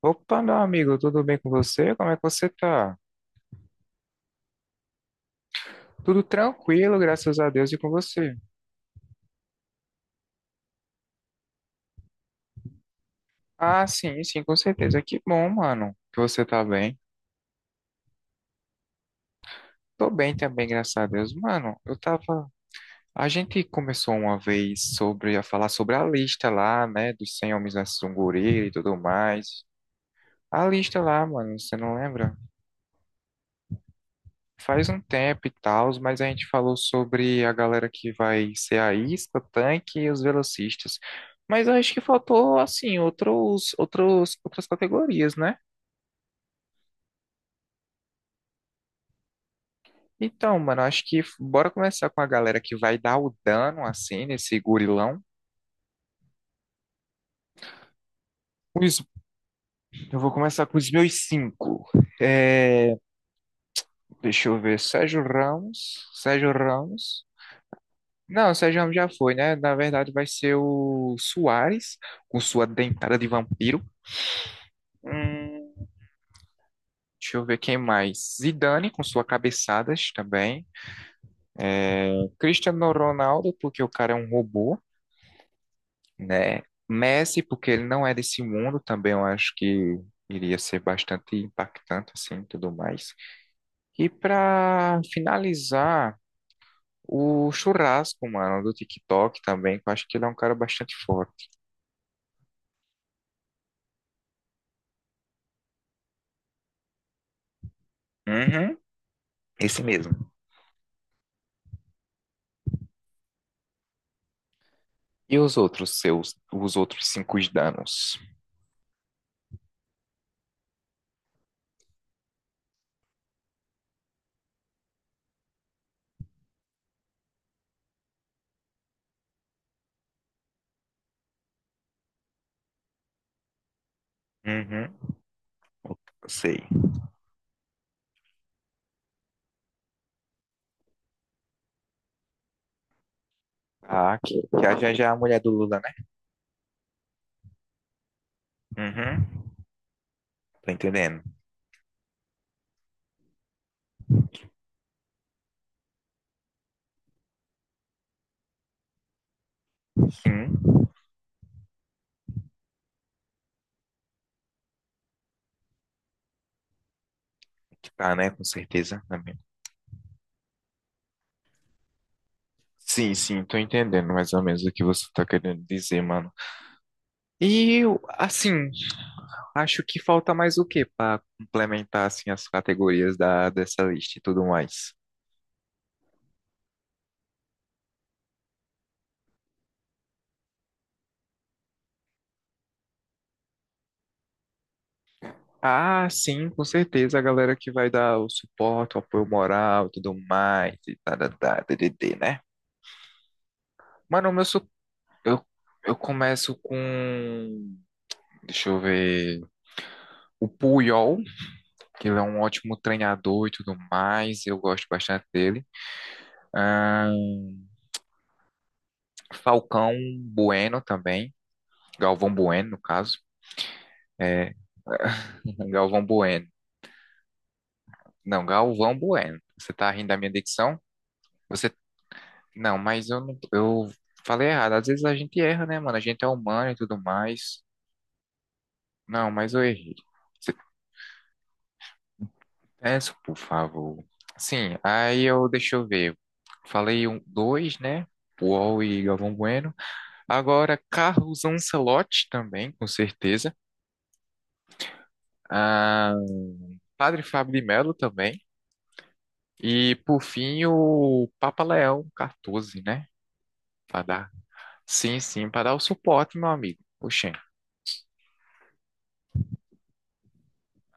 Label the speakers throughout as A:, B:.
A: Opa, meu amigo, tudo bem com você? Como é que você tá? Tudo tranquilo, graças a Deus, e com você? Ah, sim, sim, com certeza. Que bom, mano, que você tá bem. Tô bem também, graças a Deus. Mano, eu tava. A gente começou uma vez sobre a falar sobre a lista lá, né, dos 100 homens versus um gorila e tudo mais. A lista lá, mano, você não lembra? Faz um tempo e tal, mas a gente falou sobre a galera que vai ser a isca, o tanque e os velocistas. Mas eu acho que faltou, assim, outras categorias, né? Então, mano, acho que bora começar com a galera que vai dar o dano, assim, nesse gorilão. Os- eu vou começar com os meus cinco. É, deixa eu ver, Sérgio Ramos. Não, o Sérgio Ramos já foi, né? Na verdade, vai ser o Soares, com sua dentada de vampiro. Hum, Deixa eu ver quem mais. Zidane com suas cabeçadas também. O Cristiano Ronaldo, porque o cara é um robô, né? Messi, porque ele não é desse mundo, também eu acho que iria ser bastante impactante, assim, tudo mais. E para finalizar, o Churrasco, mano, do TikTok também, que eu acho que ele é um cara bastante forte. Uhum, esse mesmo. E os outros seus, os outros cinco danos? Uhum, sei. Ah, que a Janja é a mulher do Lula, né? Uhum, tô entendendo. Sim, que tá, né? Com certeza. Na minha... Sim, sim, tô entendendo mais ou menos o que você tá querendo dizer, mano. E eu, assim, acho que falta mais o quê para complementar, assim, as categorias dessa lista e tudo mais? Ah, sim, com certeza, a galera que vai dar o suporte, o apoio moral e tudo mais, e tá, tá, tá, tdd, né? Mano, eu, começo com, deixa eu ver, o Puyol, que ele é um ótimo treinador e tudo mais, eu gosto bastante dele. Ahn, Falcão Bueno também, Galvão Bueno, no caso, é, Galvão Bueno, não, Galvão Bueno, você tá rindo da minha dicção? Você... Não, mas eu não, eu falei errado. Às vezes a gente erra, né, mano? A gente é humano e tudo mais. Não, mas eu errei. Você... Peço, por favor. Sim, aí eu, deixa eu ver. Falei um, dois, né? Paul e Galvão Bueno. Agora, Carlos Ancelotti também, com certeza. Ah, Padre Fábio de Melo também. E, por fim, o Papa Leão 14, né? Pra dar. Sim, sim, para dar o suporte, meu amigo. Oxê.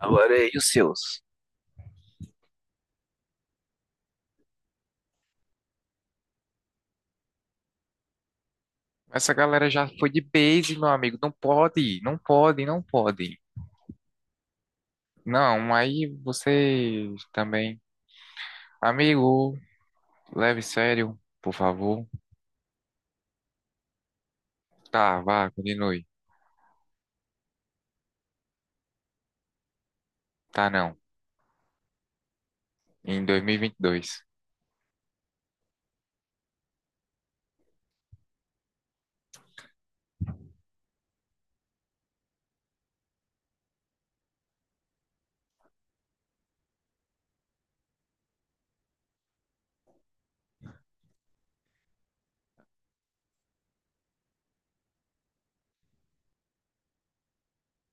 A: Agora e os seus? Essa galera já foi de base, meu amigo. Não pode, não pode, não pode. Não, aí você também. Amigo, leve sério, por favor. Tá, vá, continue. Tá, não. Em dois mil e vinte e dois.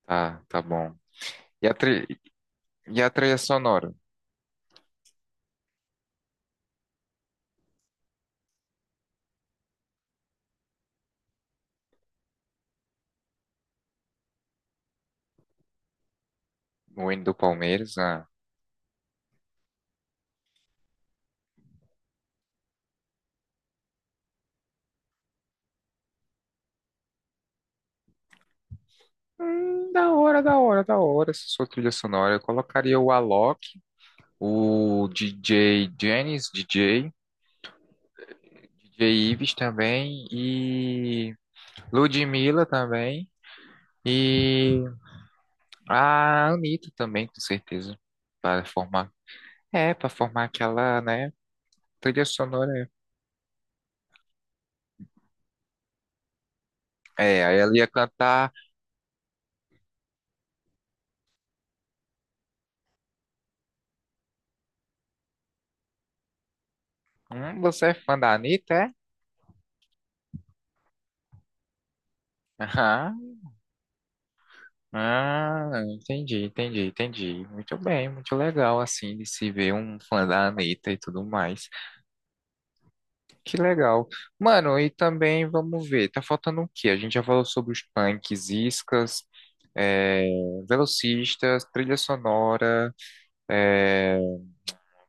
A: Tá, tá bom. E a tri... e a trilha sonora? O hino do Palmeiras? Ah. Da hora, da hora, da hora. Essa sua trilha sonora. Eu colocaria o Alok, o DJ Janis, DJ, DJ Ives também e. Ludmilla também. E a Anitta também, com certeza. Para formar. É, para formar aquela, né? Trilha sonora. É, aí ela ia cantar. Você é fã da Anitta, é? Aham. Ah, entendi, entendi, entendi. Muito bem, muito legal, assim, de se ver um fã da Anitta e tudo mais. Que legal. Mano, e também, vamos ver, tá faltando o quê? A gente já falou sobre os punks, iscas, é, velocistas, trilha sonora. É,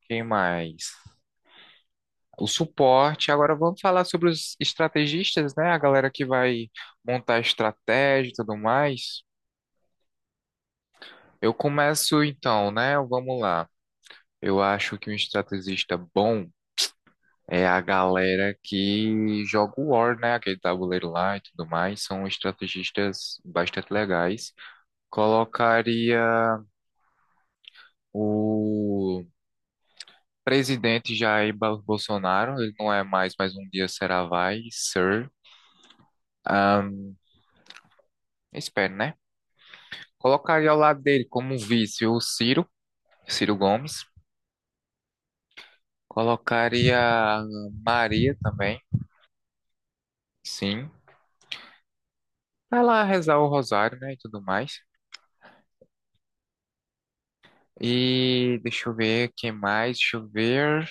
A: quem mais? O suporte. Agora vamos falar sobre os estrategistas, né? A galera que vai montar estratégia e tudo mais. Eu começo então, né? Vamos lá. Eu acho que um estrategista bom é a galera que joga o War, né? Aquele tabuleiro lá e tudo mais. São estrategistas bastante legais. Colocaria o presidente Jair Bolsonaro. Ele não é mais, mas um dia será vai, sir. Espero, né? Colocaria ao lado dele como um vice Ciro Gomes. Colocaria a Maria também, sim. Pra lá rezar o rosário, né? E tudo mais. E deixa eu ver quem mais. Deixa eu ver.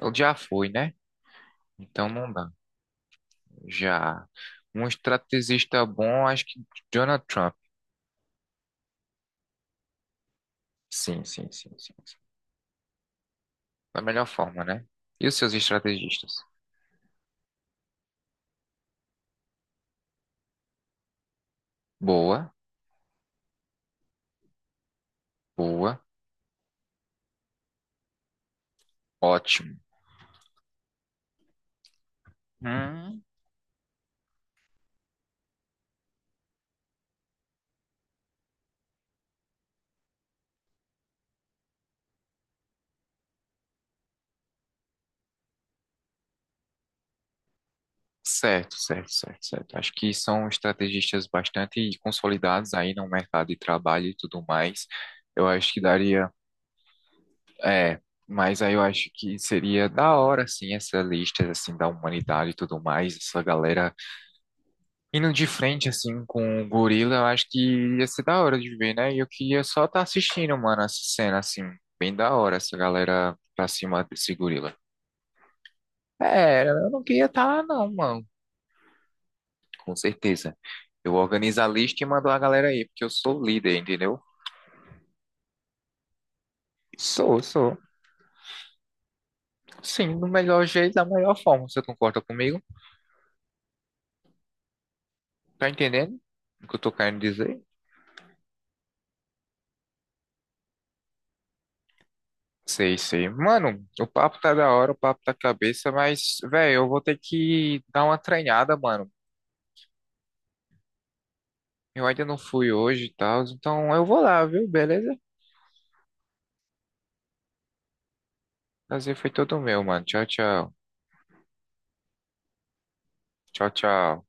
A: Ele já foi, né? Então não dá. Já. Um estrategista bom, acho que Donald Trump. Sim, sim, sim, sim, sim. Da melhor forma, né? E os seus estrategistas? Boa, boa, ótimo. Hum, Certo, certo, certo, certo. Acho que são estrategistas bastante consolidados aí no mercado de trabalho e tudo mais. Eu acho que daria, é, mas aí eu acho que seria da hora, assim, essa lista, assim, da humanidade e tudo mais, essa galera indo de frente, assim, com o gorila, eu acho que ia ser da hora de ver, né? E eu queria só estar assistindo, mano, essa cena, assim, bem da hora, essa galera pra cima desse gorila. É, eu não queria estar lá não, mano. Com certeza. Eu organizo a lista e mando a galera aí, porque eu sou líder, entendeu? Sou, sou. Sim, do melhor jeito, da melhor forma. Você concorda comigo? Tá entendendo o que eu tô querendo dizer? Sei, sei. Mano, o papo tá da hora, o papo tá cabeça, mas, velho, eu vou ter que dar uma treinada, mano. Eu ainda não fui hoje e tal, então eu vou lá, viu? Beleza? Prazer foi todo meu, mano. Tchau, tchau. Tchau, tchau.